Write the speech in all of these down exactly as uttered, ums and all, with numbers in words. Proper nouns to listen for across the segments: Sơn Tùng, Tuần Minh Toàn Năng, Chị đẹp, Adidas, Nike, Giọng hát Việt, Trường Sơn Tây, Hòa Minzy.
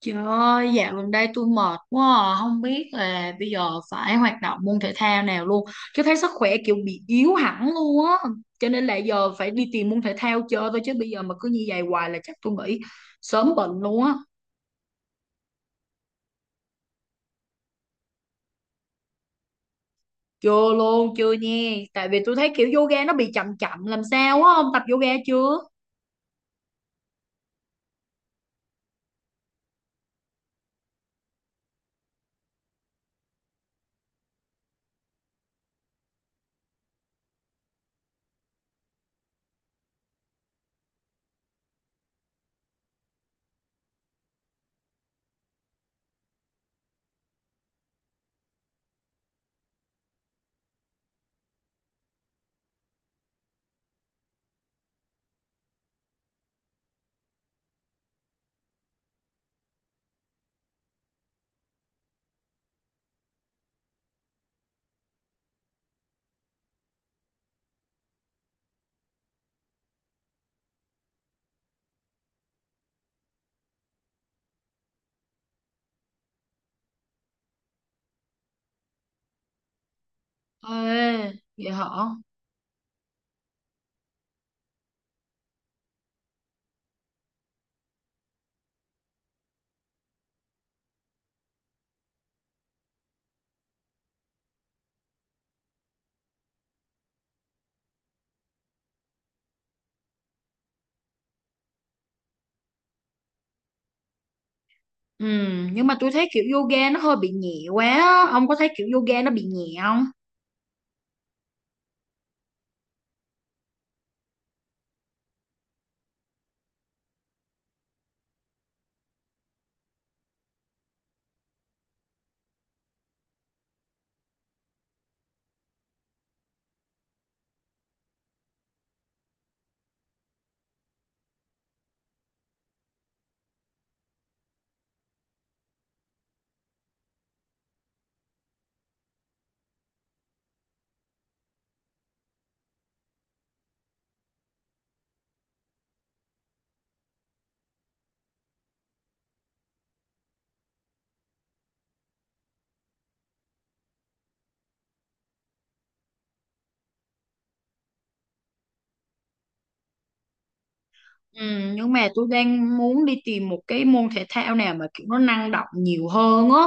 Trời ơi, dạo gần đây tôi mệt quá à. Không biết là bây giờ phải hoạt động môn thể thao nào luôn. Chứ thấy sức khỏe kiểu bị yếu hẳn luôn á. Cho nên là giờ phải đi tìm môn thể thao chơi thôi. Chứ bây giờ mà cứ như vậy hoài là chắc tôi nghĩ sớm bệnh luôn á. Chưa luôn, chưa nha. Tại vì tôi thấy kiểu yoga nó bị chậm chậm làm sao á. Ông tập yoga chưa? Ê, vậy hả? Ừ, nhưng mà tôi thấy kiểu yoga nó hơi bị nhẹ quá á. Ông có thấy kiểu yoga nó bị nhẹ không? Ừ, nhưng mà tôi đang muốn đi tìm một cái môn thể thao nào mà kiểu nó năng động nhiều hơn á,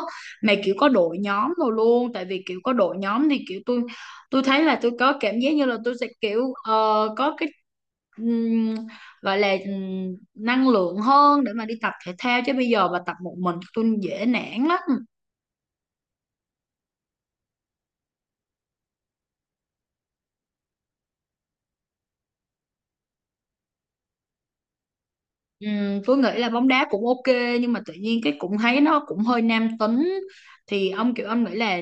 mà kiểu có đội nhóm rồi luôn. Tại vì kiểu có đội nhóm thì kiểu tôi tôi thấy là tôi có cảm giác như là tôi sẽ kiểu ờ, có cái ừm, gọi là ừm, năng lượng hơn để mà đi tập thể thao, chứ bây giờ mà tập một mình tôi dễ nản lắm. Ừm, Phương nghĩ là bóng đá cũng ok, nhưng mà tự nhiên cái cũng thấy nó cũng hơi nam tính. Thì ông kiểu ông nghĩ là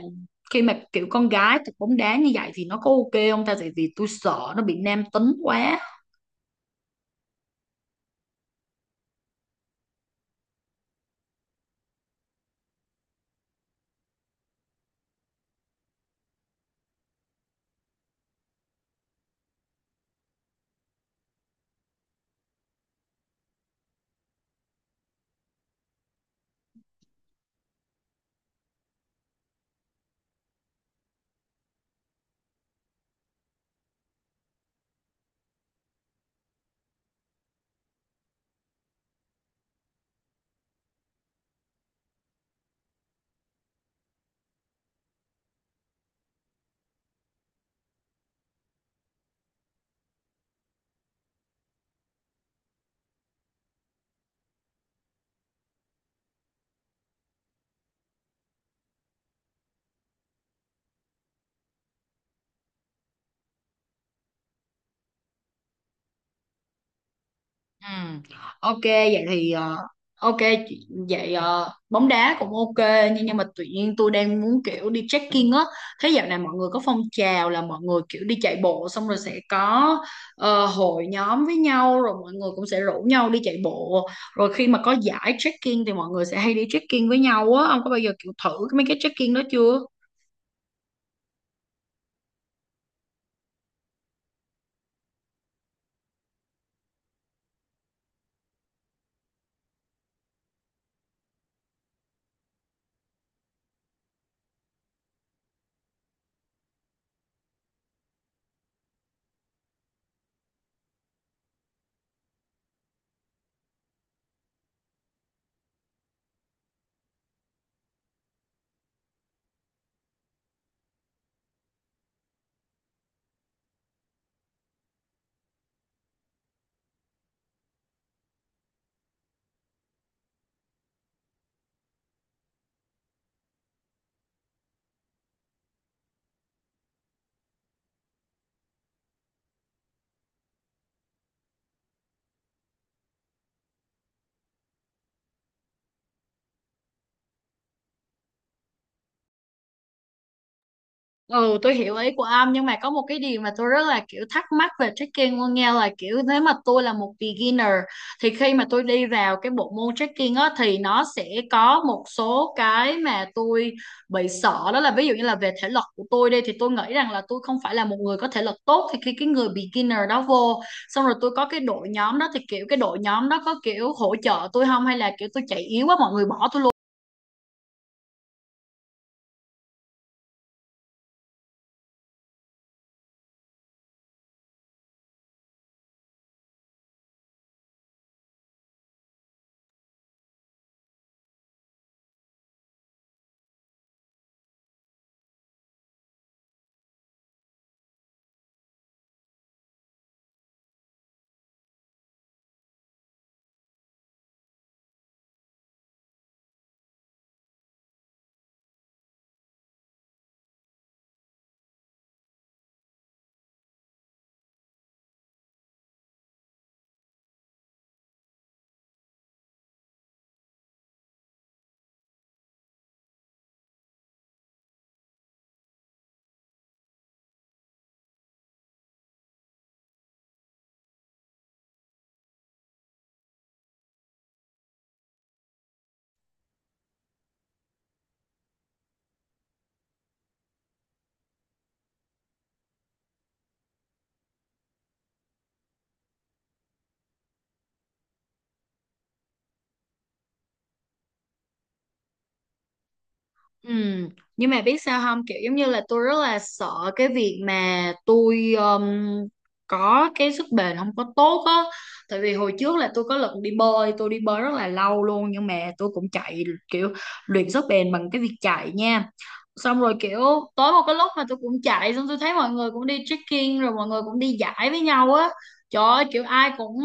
khi mà kiểu con gái tập bóng đá như vậy thì nó có ok không ta, tại vì tôi sợ nó bị nam tính quá. Ừ. Ok vậy thì ờ, ok, chị- vậy ờ, bóng đá cũng ok, nhưng nhưng mà tự nhiên tôi đang muốn kiểu đi trekking á. Thế dạo này mọi người có phong trào là mọi người kiểu đi chạy bộ xong rồi sẽ có ờ, hội nhóm với nhau, rồi mọi người cũng sẽ rủ nhau đi chạy bộ, rồi khi mà có giải trekking thì mọi người sẽ hay đi trekking với nhau á. Ông có bao giờ kiểu thử mấy cái trekking đó chưa? Ừ, tôi hiểu ý của ông, nhưng mà có một cái điều mà tôi rất là kiểu thắc mắc về trekking luôn nha, là kiểu nếu mà tôi là một beginner thì khi mà tôi đi vào cái bộ môn trekking á thì nó sẽ có một số cái mà tôi bị sợ. Đó là ví dụ như là về thể lực của tôi đi, thì tôi nghĩ rằng là tôi không phải là một người có thể lực tốt, thì khi cái người beginner đó vô xong rồi tôi có cái đội nhóm đó, thì kiểu cái đội nhóm đó có kiểu hỗ trợ tôi không, hay là kiểu tôi chạy yếu quá mọi người bỏ tôi luôn. Ừ, nhưng mà biết sao không, kiểu giống như là tôi rất là sợ cái việc mà tôi um, có cái sức bền không có tốt á. Tại vì hồi trước là tôi có lần đi bơi, tôi đi bơi rất là lâu luôn, nhưng mà tôi cũng chạy kiểu luyện sức bền bằng cái việc chạy nha. Xong rồi kiểu tối một cái lúc mà tôi cũng chạy xong tôi thấy mọi người cũng đi trekking, rồi mọi người cũng đi dãi với nhau á, trời ơi kiểu ai cũng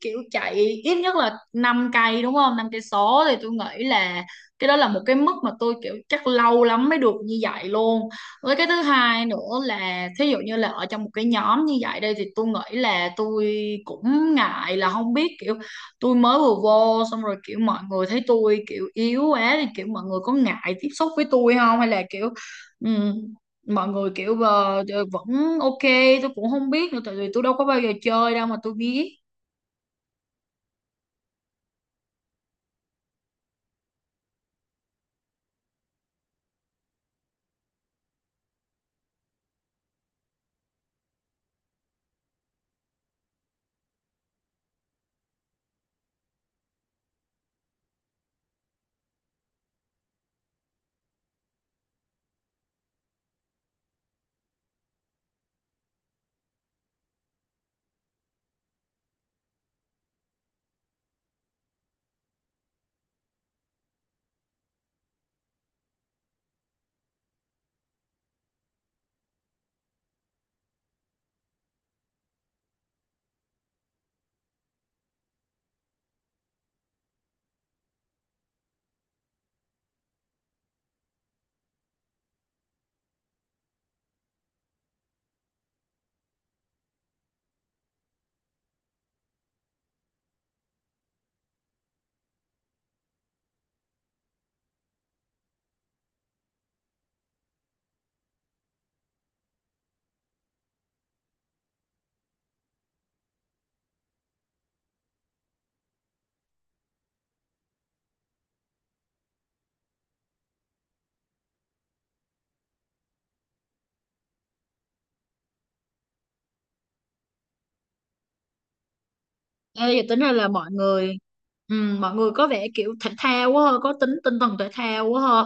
kiểu chạy ít nhất là năm cây đúng không, năm cây số, thì tôi nghĩ là cái đó là một cái mức mà tôi kiểu chắc lâu lắm mới được như vậy luôn. Với cái thứ hai nữa là thí dụ như là ở trong một cái nhóm như vậy đây thì tôi nghĩ là tôi cũng ngại, là không biết kiểu tôi mới vừa vô xong rồi kiểu mọi người thấy tôi kiểu yếu quá thì kiểu mọi người có ngại tiếp xúc với tôi không, hay là kiểu ừm, mọi người kiểu ờ, ờ, vẫn ok. Tôi cũng không biết nữa tại vì tôi đâu có bao giờ chơi đâu mà tôi biết. Ê, vậy tính ra là mọi người ừm, mọi người có vẻ kiểu thể thao quá ha, có tính tinh thần thể thao quá ha.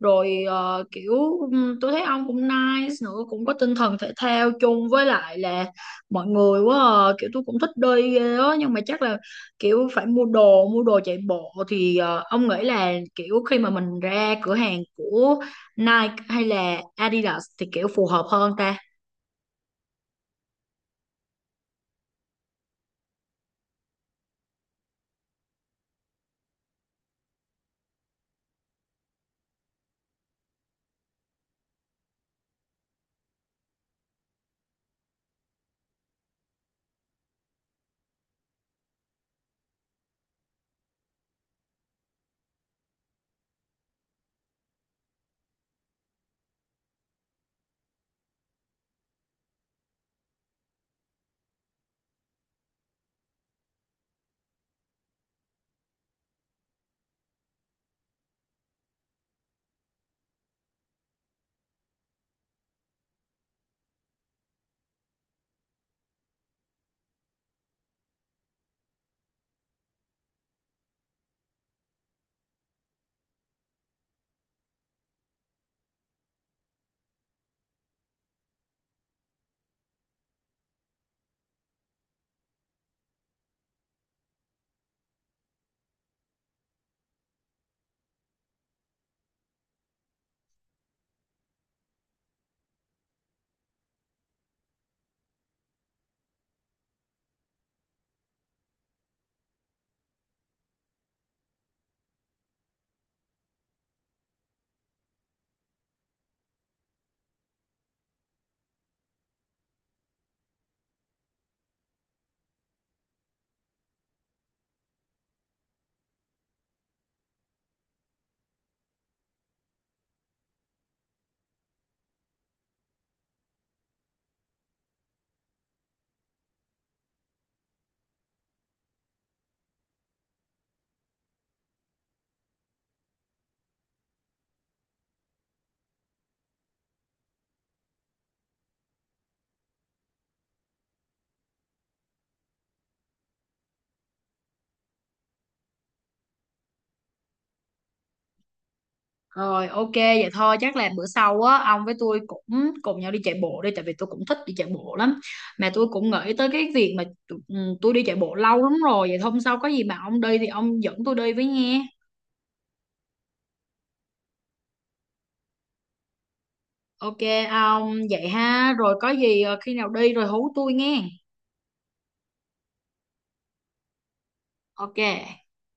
Rồi ờ, kiểu ừm, tôi thấy ông cũng nice nữa, cũng có tinh thần thể thao chung với lại là mọi người quá à. Kiểu tôi cũng thích đi ghê á, nhưng mà chắc là kiểu phải mua đồ, mua đồ chạy bộ, thì ờ, ông nghĩ là kiểu khi mà mình ra cửa hàng của Nike hay là Adidas thì kiểu phù hợp hơn ta. Rồi ok vậy thôi, chắc là bữa sau á ông với tôi cũng cùng nhau đi chạy bộ đi, tại vì tôi cũng thích đi chạy bộ lắm, mà tôi cũng nghĩ tới cái việc mà t- ừ, tôi đi chạy bộ lâu lắm rồi, vậy hôm sau có gì mà ông đi thì ông dẫn tôi đi với nghe. Ok ông vậy ha, rồi có gì ờ, khi nào đi rồi hú tôi nghe. Ok.